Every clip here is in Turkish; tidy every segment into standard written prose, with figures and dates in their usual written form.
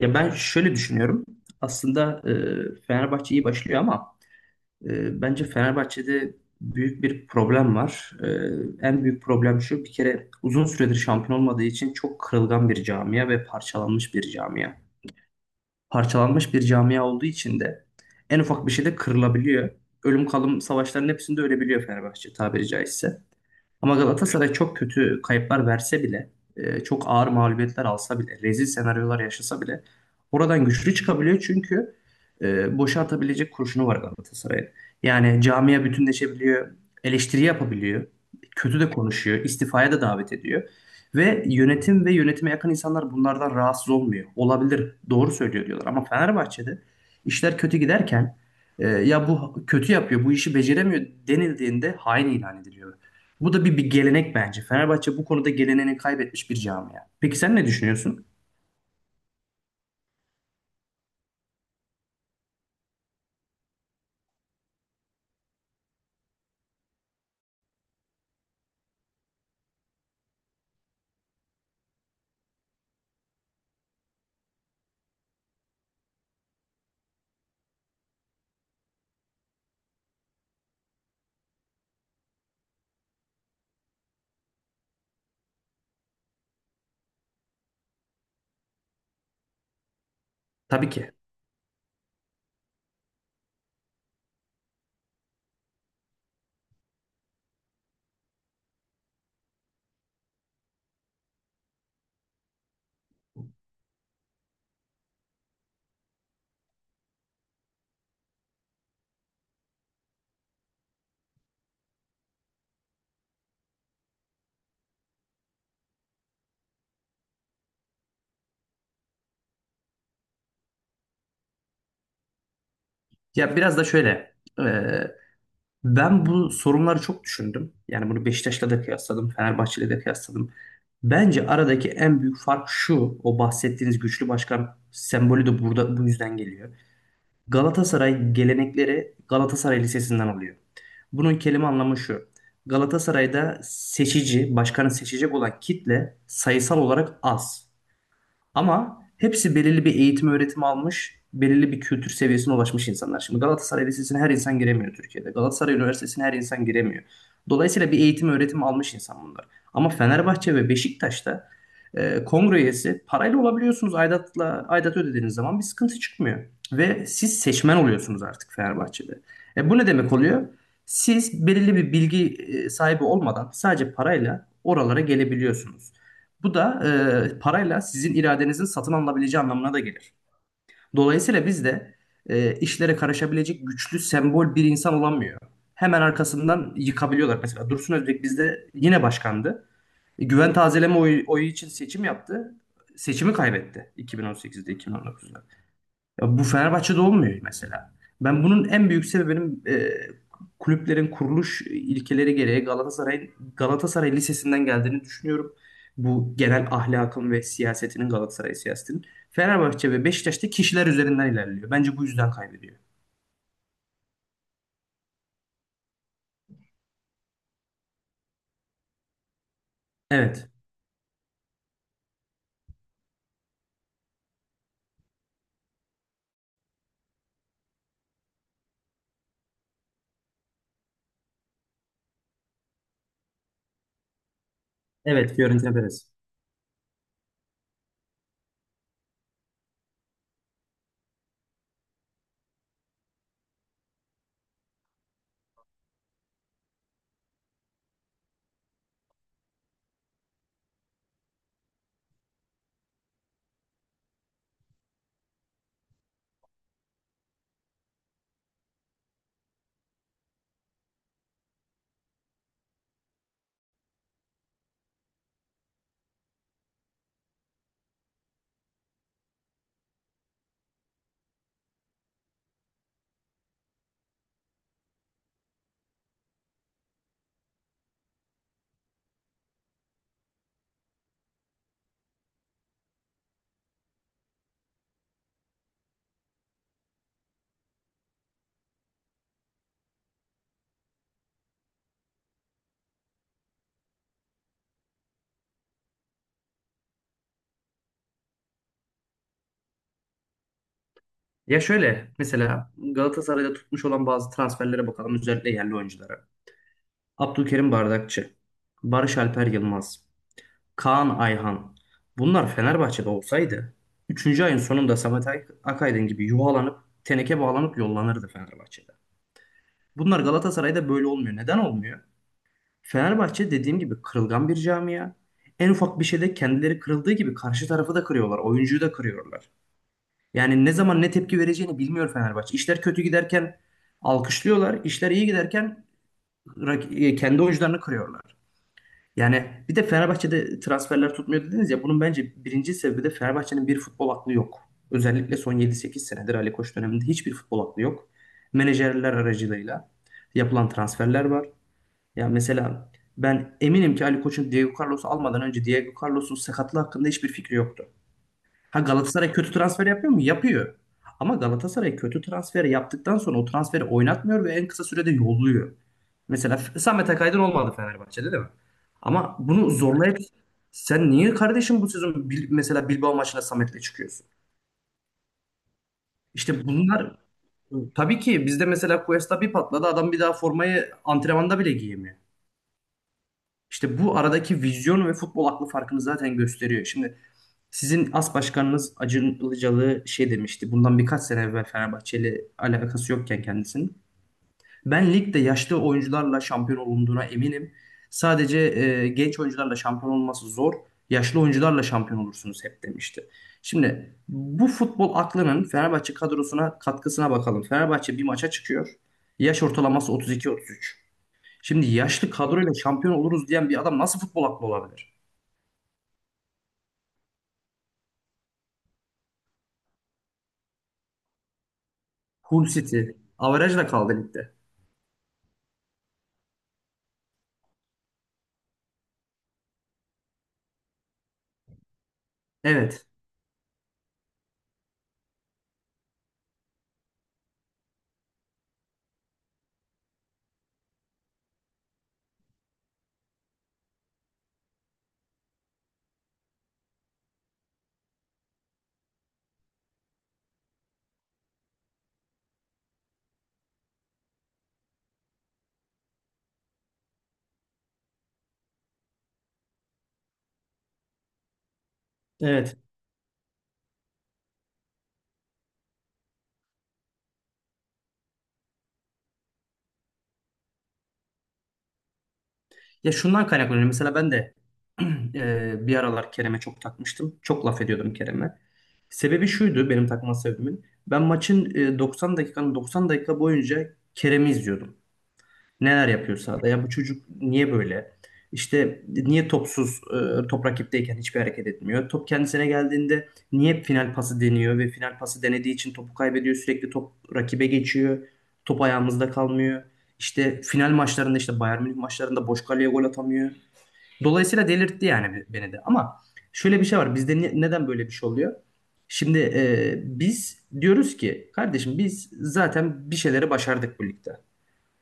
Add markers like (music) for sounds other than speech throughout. Ya ben şöyle düşünüyorum. Aslında Fenerbahçe iyi başlıyor ama bence Fenerbahçe'de büyük bir problem var. En büyük problem şu bir kere uzun süredir şampiyon olmadığı için çok kırılgan bir camia ve parçalanmış bir camia. Parçalanmış bir camia olduğu için de en ufak bir şeyde kırılabiliyor. Ölüm kalım savaşların hepsinde ölebiliyor Fenerbahçe tabiri caizse. Ama Galatasaray çok kötü kayıplar verse bile, çok ağır mağlubiyetler alsa bile, rezil senaryolar yaşasa bile oradan güçlü çıkabiliyor çünkü boşa atabilecek kurşunu var Galatasaray'ın. Yani camia bütünleşebiliyor, eleştiri yapabiliyor, kötü de konuşuyor, istifaya da davet ediyor. Ve yönetim ve yönetime yakın insanlar bunlardan rahatsız olmuyor. Olabilir, doğru söylüyor diyorlar. Ama Fenerbahçe'de işler kötü giderken ya bu kötü yapıyor, bu işi beceremiyor denildiğinde hain ilan ediliyor. Bu da bir gelenek bence. Fenerbahçe bu konuda geleneğini kaybetmiş bir camia. Peki sen ne düşünüyorsun? Tabii ki. Ya biraz da şöyle. e, Ben bu sorunları çok düşündüm. Yani bunu Beşiktaş'la da kıyasladım. Fenerbahçe'yle de kıyasladım. Bence aradaki en büyük fark şu. O bahsettiğiniz güçlü başkan sembolü de burada bu yüzden geliyor. Galatasaray gelenekleri Galatasaray Lisesi'nden alıyor. Bunun kelime anlamı şu. Galatasaray'da seçici, başkanı seçecek olan kitle sayısal olarak az. Ama hepsi belirli bir eğitim öğretim almış, belirli bir kültür seviyesine ulaşmış insanlar. Şimdi Galatasaray Lisesi'ne her insan giremiyor Türkiye'de. Galatasaray Üniversitesi'ne her insan giremiyor. Dolayısıyla bir eğitim öğretim almış insan bunlar. Ama Fenerbahçe ve Beşiktaş'ta kongre üyesi parayla olabiliyorsunuz. Aidat ödediğiniz zaman bir sıkıntı çıkmıyor. Ve siz seçmen oluyorsunuz artık Fenerbahçe'de. Bu ne demek oluyor? Siz belirli bir bilgi sahibi olmadan sadece parayla oralara gelebiliyorsunuz. Bu da parayla sizin iradenizin satın alınabileceği anlamına da gelir. Dolayısıyla biz de işlere karışabilecek güçlü sembol bir insan olamıyor. Hemen arkasından yıkabiliyorlar. Mesela Dursun Özbek bizde yine başkandı. Güven tazeleme oyu için seçim yaptı. Seçimi kaybetti 2018'de, 2019'da. Ya bu Fenerbahçe'de olmuyor mesela. Ben bunun en büyük sebebinin kulüplerin kuruluş ilkeleri gereği Galatasaray Lisesi'nden geldiğini düşünüyorum. Bu genel ahlakın ve siyasetinin Galatasaray siyasetinin Fenerbahçe ve Beşiktaş'ta kişiler üzerinden ilerliyor. Bence bu yüzden kaybediyor. Evet. Evet, Fiorentina Perez. Ya şöyle mesela Galatasaray'da tutmuş olan bazı transferlere bakalım özellikle yerli oyunculara. Abdülkerim Bardakçı, Barış Alper Yılmaz, Kaan Ayhan. Bunlar Fenerbahçe'de olsaydı üçüncü ayın sonunda Samet Akaydın gibi yuvalanıp teneke bağlanıp yollanırdı Fenerbahçe'de. Bunlar Galatasaray'da böyle olmuyor. Neden olmuyor? Fenerbahçe dediğim gibi kırılgan bir camia. En ufak bir şeyde kendileri kırıldığı gibi karşı tarafı da kırıyorlar. Oyuncuyu da kırıyorlar. Yani ne zaman ne tepki vereceğini bilmiyor Fenerbahçe. İşler kötü giderken alkışlıyorlar. İşler iyi giderken kendi oyuncularını kırıyorlar. Yani bir de Fenerbahçe'de transferler tutmuyor dediniz ya bunun bence birinci sebebi de Fenerbahçe'nin bir futbol aklı yok. Özellikle son yedi sekiz senedir Ali Koç döneminde hiçbir futbol aklı yok. Menajerler aracılığıyla yapılan transferler var. Ya mesela ben eminim ki Ali Koç'un Diego Carlos'u almadan önce Diego Carlos'un sakatlığı hakkında hiçbir fikri yoktu. Ha Galatasaray kötü transfer yapıyor mu? Yapıyor. Ama Galatasaray kötü transfer yaptıktan sonra o transferi oynatmıyor ve en kısa sürede yolluyor. Mesela Samet Akaydın olmadı Fenerbahçe'de değil mi? Ama bunu zorlayıp sen niye kardeşim bu sezon mesela Bilbao maçına Samet'le çıkıyorsun? İşte bunlar tabii ki bizde mesela Cuesta bir patladı adam bir daha formayı antrenmanda bile giyemiyor. İşte bu aradaki vizyon ve futbol aklı farkını zaten gösteriyor. Şimdi sizin as başkanınız Acun Ilıcalı şey demişti. Bundan birkaç sene evvel Fenerbahçe ile alakası yokken kendisinin. Ben ligde yaşlı oyuncularla şampiyon olunduğuna eminim. Sadece genç oyuncularla şampiyon olması zor. Yaşlı oyuncularla şampiyon olursunuz hep demişti. Şimdi bu futbol aklının Fenerbahçe kadrosuna katkısına bakalım. Fenerbahçe bir maça çıkıyor. Yaş ortalaması 32-33. Şimdi yaşlı kadroyla şampiyon oluruz diyen bir adam nasıl futbol aklı olabilir? Hull City. Averajla kaldı ligde. Evet. Evet. Ya şundan kaynaklanıyor. Mesela ben de (clears throat) bir aralar Kerem'e çok takmıştım. Çok laf ediyordum Kerem'e. Sebebi şuydu benim takma sebebimin. Ben maçın 90 dakikanın 90 dakika boyunca Kerem'i izliyordum. Neler yapıyor sahada? Ya bu çocuk niye böyle? İşte niye topsuz, top rakipteyken hiçbir hareket etmiyor? Top kendisine geldiğinde niye hep final pası deniyor ve final pası denediği için topu kaybediyor? Sürekli top rakibe geçiyor. Top ayağımızda kalmıyor. İşte final maçlarında işte Bayern Münih maçlarında boş kaleye gol atamıyor. Dolayısıyla delirtti yani beni de. Ama şöyle bir şey var. Bizde neden böyle bir şey oluyor? Şimdi biz diyoruz ki kardeşim biz zaten bir şeyleri başardık bu ligde.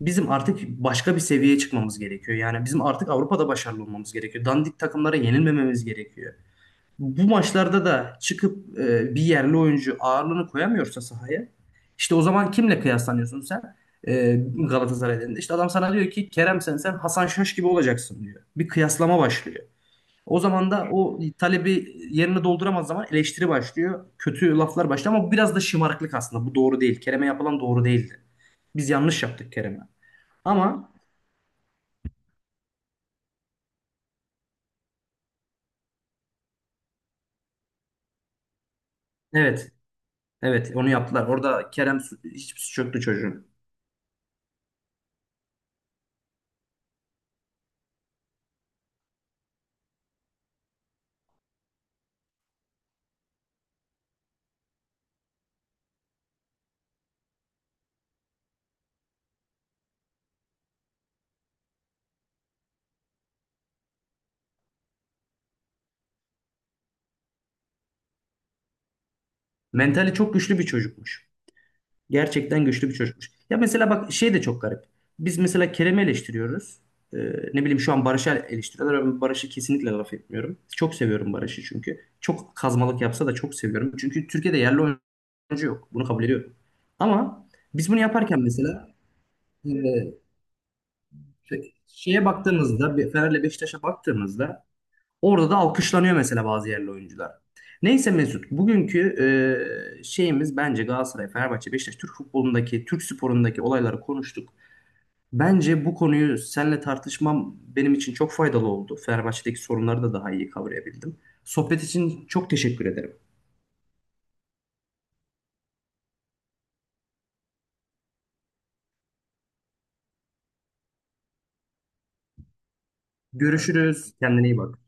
Bizim artık başka bir seviyeye çıkmamız gerekiyor. Yani bizim artık Avrupa'da başarılı olmamız gerekiyor. Dandik takımlara yenilmememiz gerekiyor. Bu maçlarda da çıkıp bir yerli oyuncu ağırlığını koyamıyorsa sahaya, işte o zaman kimle kıyaslanıyorsun sen? E, Galatasaray elinde. İşte adam sana diyor ki Kerem sen Hasan Şaş gibi olacaksın diyor. Bir kıyaslama başlıyor. O zaman da o talebi yerine dolduramaz zaman eleştiri başlıyor. Kötü laflar başlıyor ama bu biraz da şımarıklık aslında. Bu doğru değil. Kerem'e yapılan doğru değildi. Biz yanlış yaptık Kerem'e. Ama evet, evet onu yaptılar. Orada Kerem hiçbir suç yoktu çocuğun. Mentali çok güçlü bir çocukmuş. Gerçekten güçlü bir çocukmuş. Ya mesela bak şey de çok garip. Biz mesela Kerem'i eleştiriyoruz. Ee, ne bileyim şu an Barış'ı eleştiriyorlar. Ben Barış'ı kesinlikle laf etmiyorum. Çok seviyorum Barış'ı çünkü. Çok kazmalık yapsa da çok seviyorum. Çünkü Türkiye'de yerli oyuncu yok. Bunu kabul ediyorum. Ama biz bunu yaparken mesela e, şeye baktığımızda, Fener'le Beşiktaş'a baktığımızda orada da alkışlanıyor mesela bazı yerli oyuncular. Neyse Mesut, bugünkü şeyimiz bence Galatasaray, Fenerbahçe, Beşiktaş, Türk futbolundaki, Türk sporundaki olayları konuştuk. Bence bu konuyu seninle tartışmam benim için çok faydalı oldu. Fenerbahçe'deki sorunları da daha iyi kavrayabildim. Sohbet için çok teşekkür ederim. Görüşürüz. Kendine iyi bak.